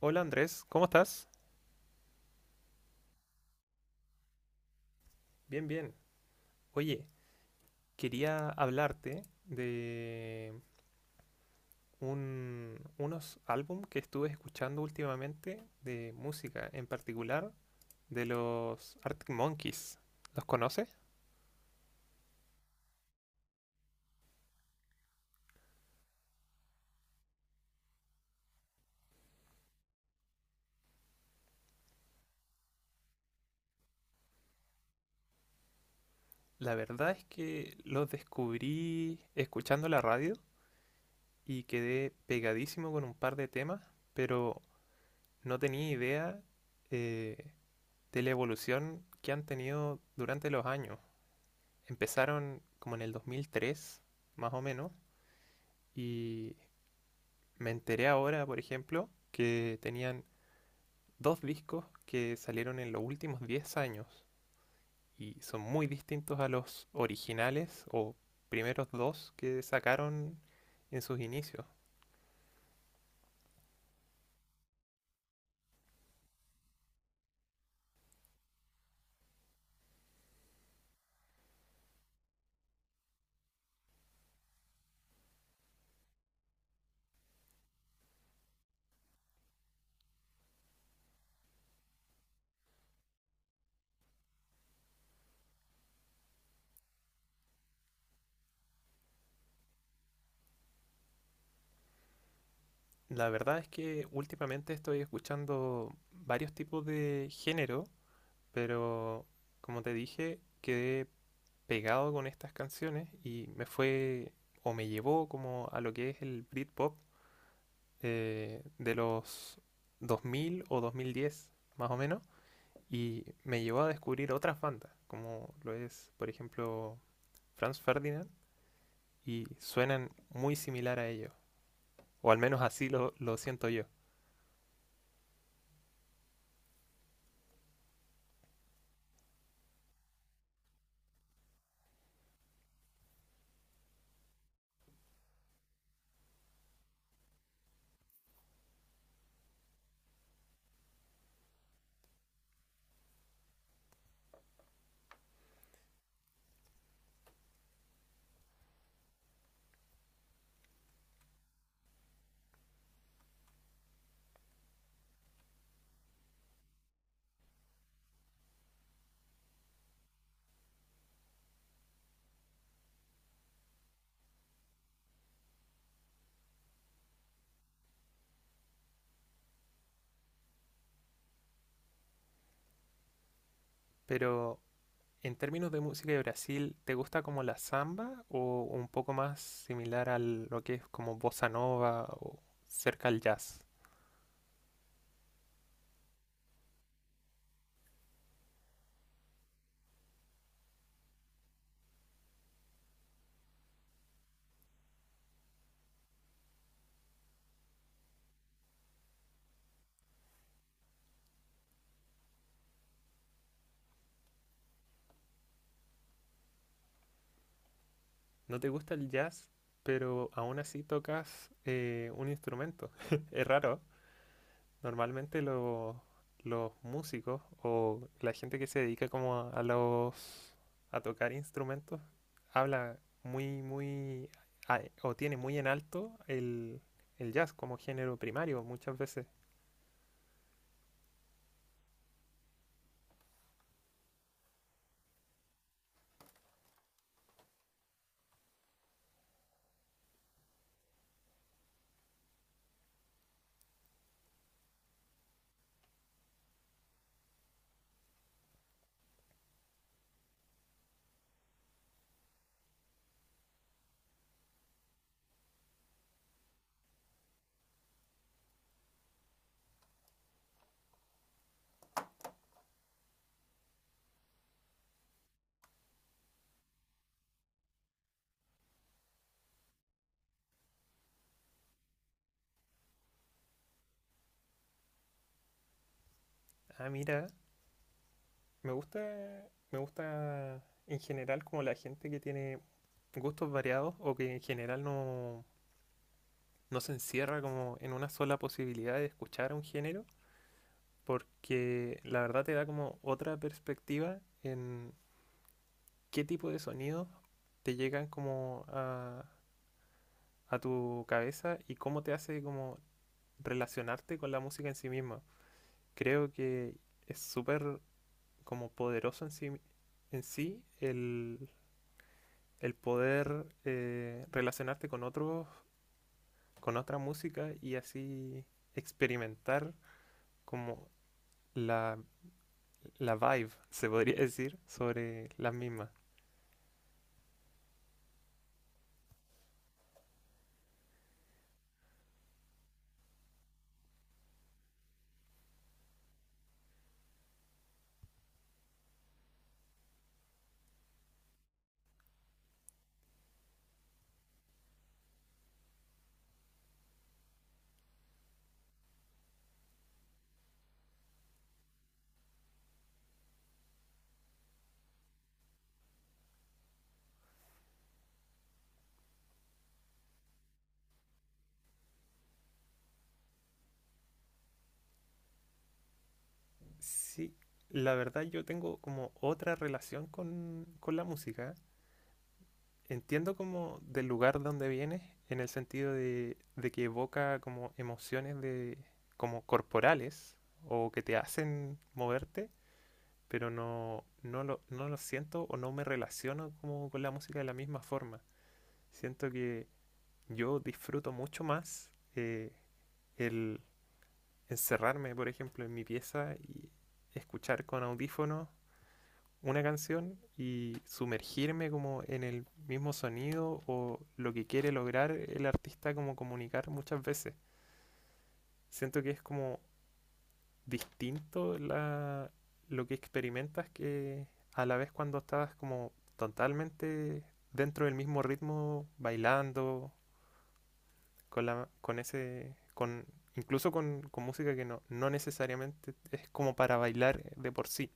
Hola Andrés, ¿cómo estás? Bien, bien. Oye, quería hablarte de unos álbum que estuve escuchando últimamente de música, en particular de los Arctic Monkeys. ¿Los conoces? La verdad es que los descubrí escuchando la radio y quedé pegadísimo con un par de temas, pero no tenía idea eh, de la evolución que han tenido durante los años. Empezaron como en el 2003, más o menos, y me enteré ahora, por ejemplo, que tenían dos discos que salieron en los últimos 10 años y son muy distintos a los originales o primeros dos que sacaron en sus inicios. La verdad es que últimamente estoy escuchando varios tipos de género, pero como te dije, quedé pegado con estas canciones y me fue o me llevó como a lo que es el Britpop de los 2000 o 2010 más o menos y me llevó a descubrir otras bandas como lo es por ejemplo Franz Ferdinand y suenan muy similar a ellos o al menos así lo siento yo. Pero en términos de música de Brasil, ¿te gusta como la samba o un poco más similar a lo que es como bossa nova o cerca al jazz? No te gusta el jazz, pero aún así tocas un instrumento. Es raro. Normalmente los músicos o la gente que se dedica como a los a tocar instrumentos habla muy muy o tiene muy en alto el jazz como género primario muchas veces. Ah, mira, me gusta en general como la gente que tiene gustos variados o que en general no se encierra como en una sola posibilidad de escuchar un género, porque la verdad te da como otra perspectiva en qué tipo de sonidos te llegan como a tu cabeza y cómo te hace como relacionarte con la música en sí misma. Creo que es súper como poderoso en sí el poder relacionarte con otros, con otra música y así experimentar como la la vibe, se podría decir, sobre las mismas. Sí, la verdad yo tengo como otra relación con la música. Entiendo como del lugar donde viene, en el sentido de que evoca como emociones de, como corporales o que te hacen moverte, pero no lo siento o no me relaciono como con la música de la misma forma. Siento que yo disfruto mucho más el encerrarme, por ejemplo, en mi pieza y escuchar con audífonos una canción y sumergirme como en el mismo sonido o lo que quiere lograr el artista como comunicar muchas veces. Siento que es como distinto lo que experimentas que a la vez cuando estás como totalmente dentro del mismo ritmo bailando con incluso con música que no necesariamente es como para bailar de por sí.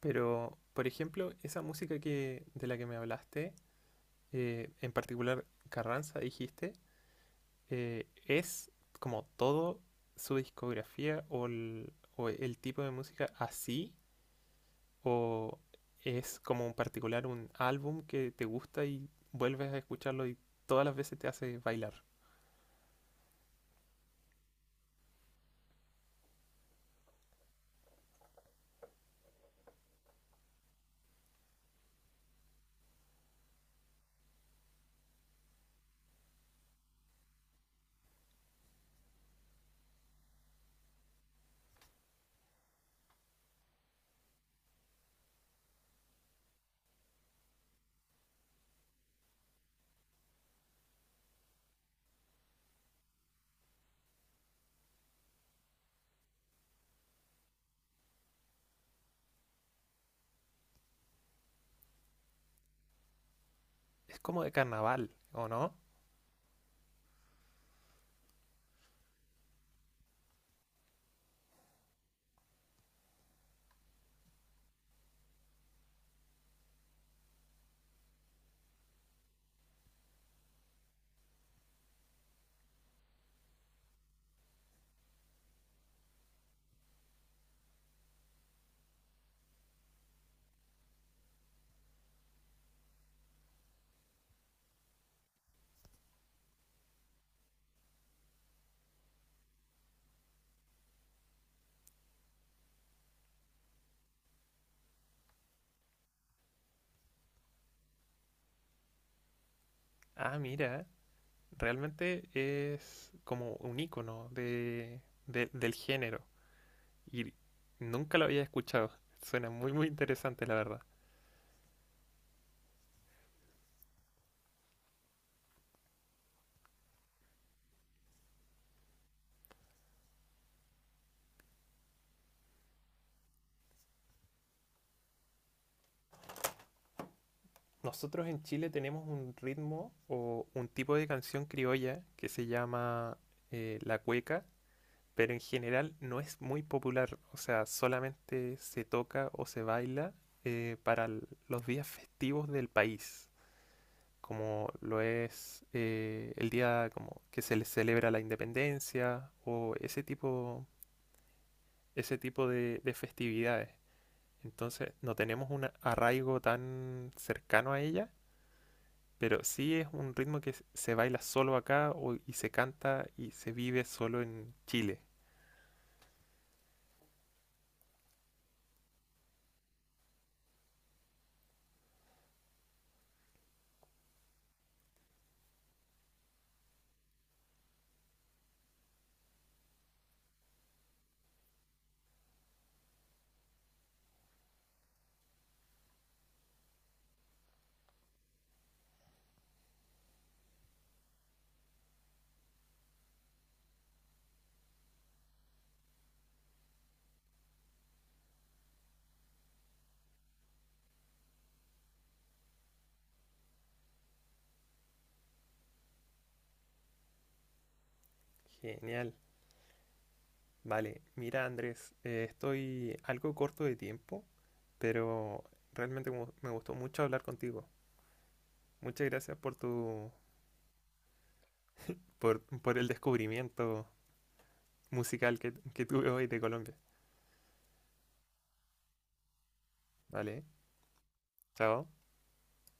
Pero, por ejemplo, esa música que, de la que me hablaste, en particular Carranza, dijiste, es como todo su discografía o o el tipo de música así, o es como en particular un álbum que te gusta y vuelves a escucharlo y todas las veces te hace bailar. Es como de carnaval, ¿o no? Ah, mira, realmente es como un icono de, del género y nunca lo había escuchado. Suena muy, muy interesante, la verdad. Nosotros en Chile tenemos un ritmo o un tipo de canción criolla que se llama la cueca, pero en general no es muy popular, o sea, solamente se toca o se baila para los días festivos del país, como lo es el día como que se le celebra la independencia o ese tipo de festividades. Entonces no tenemos un arraigo tan cercano a ella, pero sí es un ritmo que se baila solo acá y se canta y se vive solo en Chile. Genial. Vale, mira Andrés, estoy algo corto de tiempo, pero realmente me gustó mucho hablar contigo. Muchas gracias por por el descubrimiento musical que tuve hoy de Colombia. Vale, chao.